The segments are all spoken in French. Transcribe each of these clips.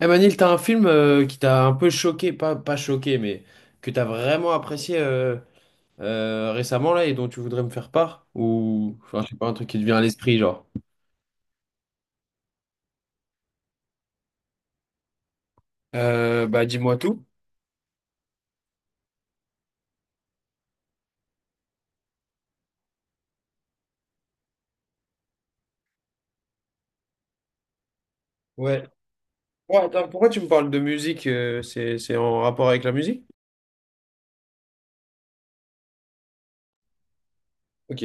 Eh Manil, t'as un film qui t'a un peu choqué, pas choqué, mais que t'as vraiment apprécié récemment là et dont tu voudrais me faire part? Ou enfin, je sais pas, un truc qui te vient à l'esprit, genre. Bah dis-moi tout. Ouais. Ouais, attends, pourquoi tu me parles de musique? C'est en rapport avec la musique? Ok.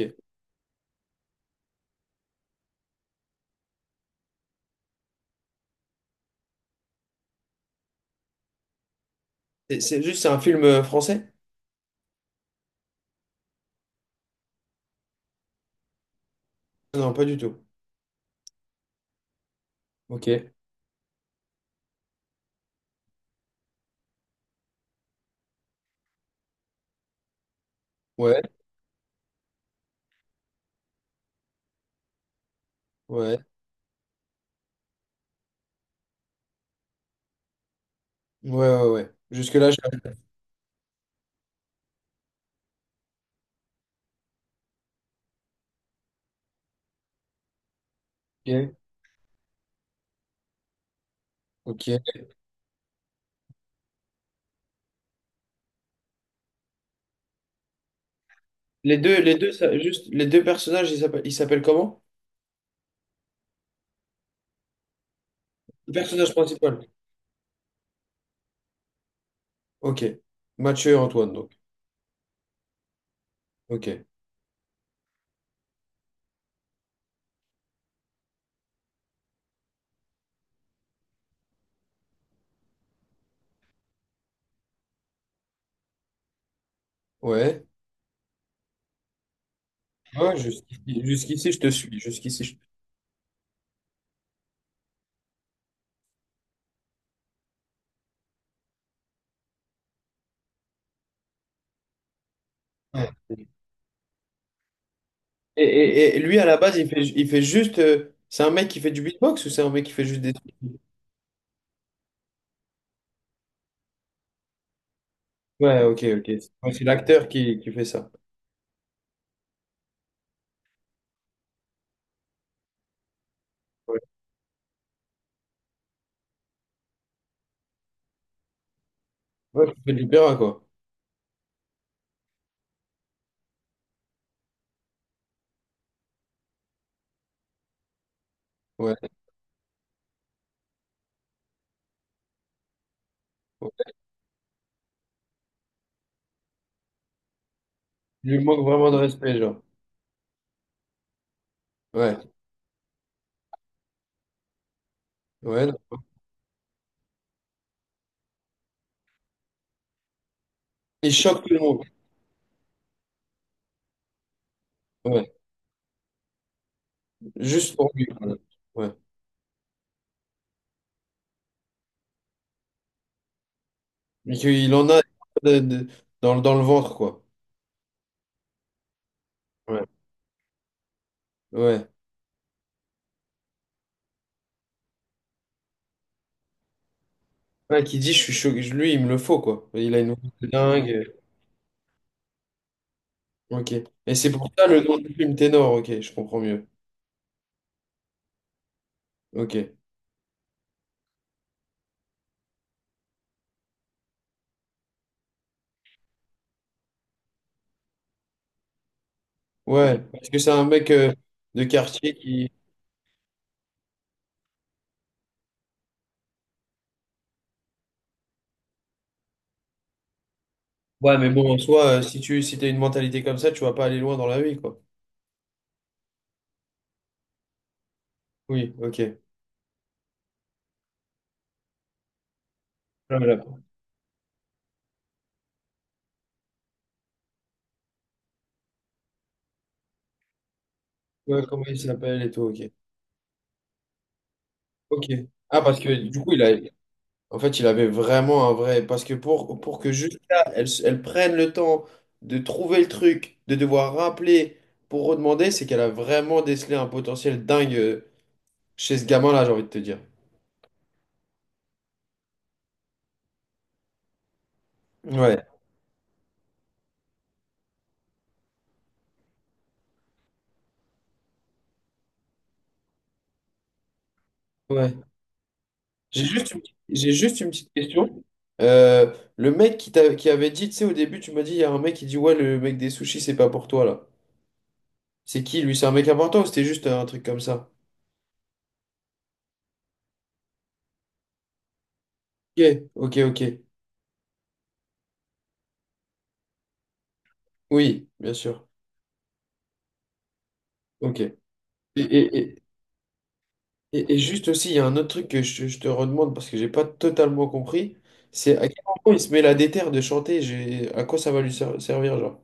C'est juste, c'est un film français? Non, pas du tout. Ok. Ouais, ouais, ouais, ouais, ouais. Jusque-là, je... Ok, ok. Les deux, ça- juste, les deux personnages, ils s'appellent comment? Le personnage principal. Ok. Mathieu et Antoine, donc. Ok. Ouais. Ouais, jusqu'ici, jusqu'ici, je te suis. Jusqu'ici, je... Ouais. Et lui, à la base, il fait juste. C'est un mec qui fait du beatbox ou c'est un mec qui fait juste des trucs? Ouais, ok, ok. Ouais, c'est l'acteur qui fait ça. Ouais, ouais, qui fait de l'opéra, quoi. Ouais. Ouais. Il lui manque vraiment de respect, genre. Ouais, ouais. Non. Il choque tout le monde. Ouais. Juste pour lui. Voilà. Ouais. Mais qu'il en a de- dans le ventre, quoi. Ouais. Ouais. Ouais, qui dit je suis choqué, lui il me le faut quoi. Il a une voix de dingue. Ok. Et c'est pour ça le nom du film Ténor, ok, je comprends mieux. Ok. Ouais, parce que c'est un mec de quartier qui. Ouais, mais bon, en soi, si tu si t'as une mentalité comme ça, tu vas pas aller loin dans la vie, quoi. Oui, ok. Voilà. Ouais, comment il s'appelle et tout, ok. Ok. Ah, parce que du coup, il a, en fait, il avait vraiment un vrai. Parce que pour que juste là, elles, elles prennent le temps de trouver le truc, de devoir rappeler pour redemander, c'est qu'elle a vraiment décelé un potentiel dingue chez ce gamin-là, j'ai envie de te dire. Ouais, ouais. J'ai juste une, j'ai juste une petite question. Le mec qui, t'a- qui avait dit, tu sais, au début, tu m'as dit, il y a un mec qui dit, ouais, le mec des sushis, c'est pas pour toi, là. C'est qui, lui? C'est un mec important ou c'était juste un truc comme ça? Ok, ok, ok. Oui, bien sûr. Ok. Et, et juste aussi, il y a un autre truc que je te redemande parce que j'ai pas totalement compris, c'est à quel moment il se met la déterre de chanter, j'ai, à quoi ça va lui ser- servir, genre.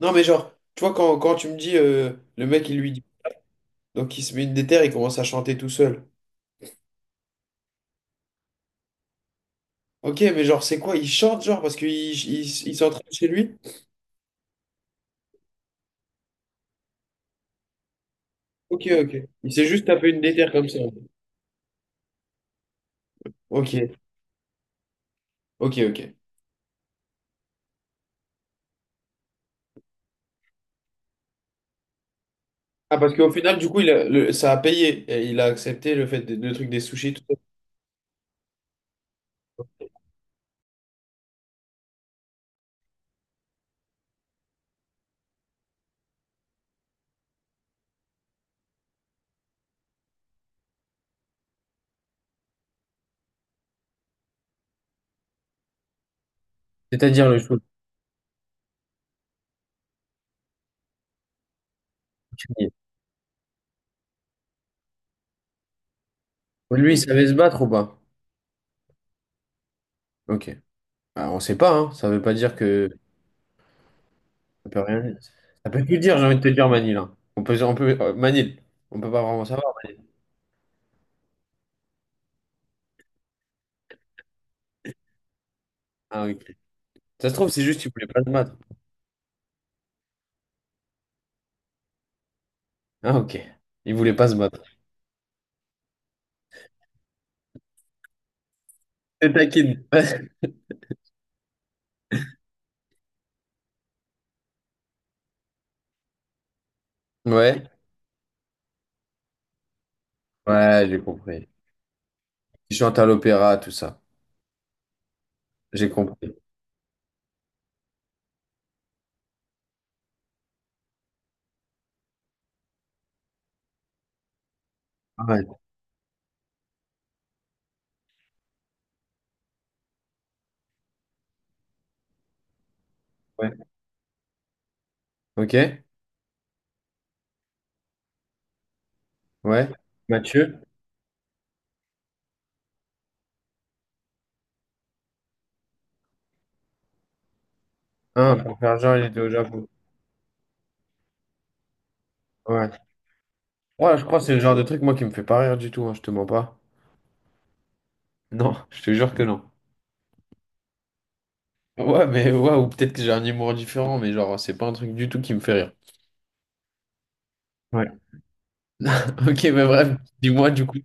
Non, mais genre, tu vois, quand tu me dis, le mec, il lui dit, donc il se met une déterre, il commence à chanter tout seul. Ok, mais genre, c'est quoi? Il chante, genre, parce qu'il il s'entraîne chez lui? Ok, ok. Il s'est juste tapé une déterre comme ça. Ok, ok, ok. Ah, parce qu'au final, du coup, il a- le- ça a payé. Et il a accepté le fait, de- le truc des sushis, tout ça. C'est-à-dire le chou. Lui, il savait se battre ou pas? Ok. Alors, on sait pas, hein. Ça veut pas dire que ça peut rien. Ça peut plus dire, j'ai envie de te dire Manil. Hein. On peut, Manil, on peut pas vraiment savoir. Ah, ok. Ça se trouve, c'est juste qu'il voulait pas se battre. Ah, ok. Il voulait pas se battre. C'est taquine. Ouais. Ouais, j'ai compris. Il chante à l'opéra, tout ça. J'ai compris. Ah ouais. Ouais. Ok. Ouais. Mathieu. Hein, pour faire genre, il était au Japon. Ouais. Ouais, je crois que c'est le genre de truc, moi, qui me fait pas rire du tout, hein, je te mens pas. Non, je te jure que non. Ouais, mais ouais, ou peut-être que j'ai un humour différent, mais genre, c'est pas un truc du tout qui me fait rire. Ouais. Ok, mais bref, dis-moi du coup.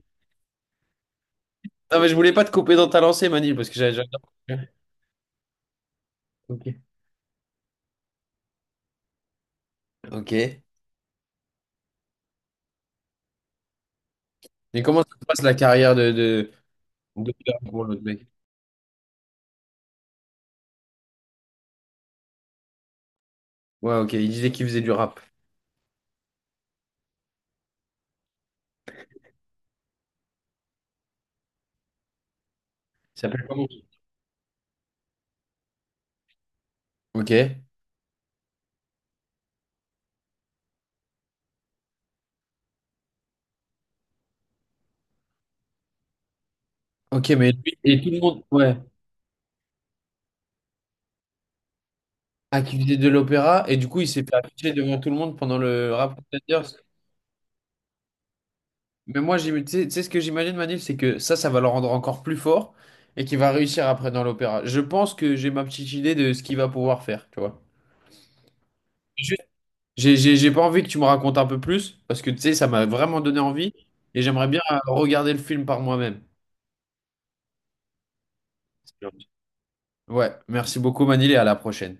Non, mais je voulais pas te couper dans ta lancée, Manil, parce que j'avais déjà. Ok. Ok. Mais comment ça se passe la carrière de pour l'autre mec? Ouais, ok, il disait qu'il faisait du rap. Il s'appelle comment? Ok. Ok, mais lui, et tout le monde, ouais. Ah, qui faisait de l'opéra, et du coup, il s'est fait afficher devant tout le monde pendant le rap. Contender. Mais moi, j'im- tu sais ce que j'imagine, Manil, c'est que ça va le rendre encore plus fort et qu'il va réussir après dans l'opéra. Je pense que j'ai ma petite idée de ce qu'il va pouvoir faire, tu vois. Juste, J'ai pas envie que tu me racontes un peu plus parce que, tu sais, ça m'a vraiment donné envie et j'aimerais bien regarder le film par moi-même. Ouais, merci beaucoup, Manil, et à la prochaine.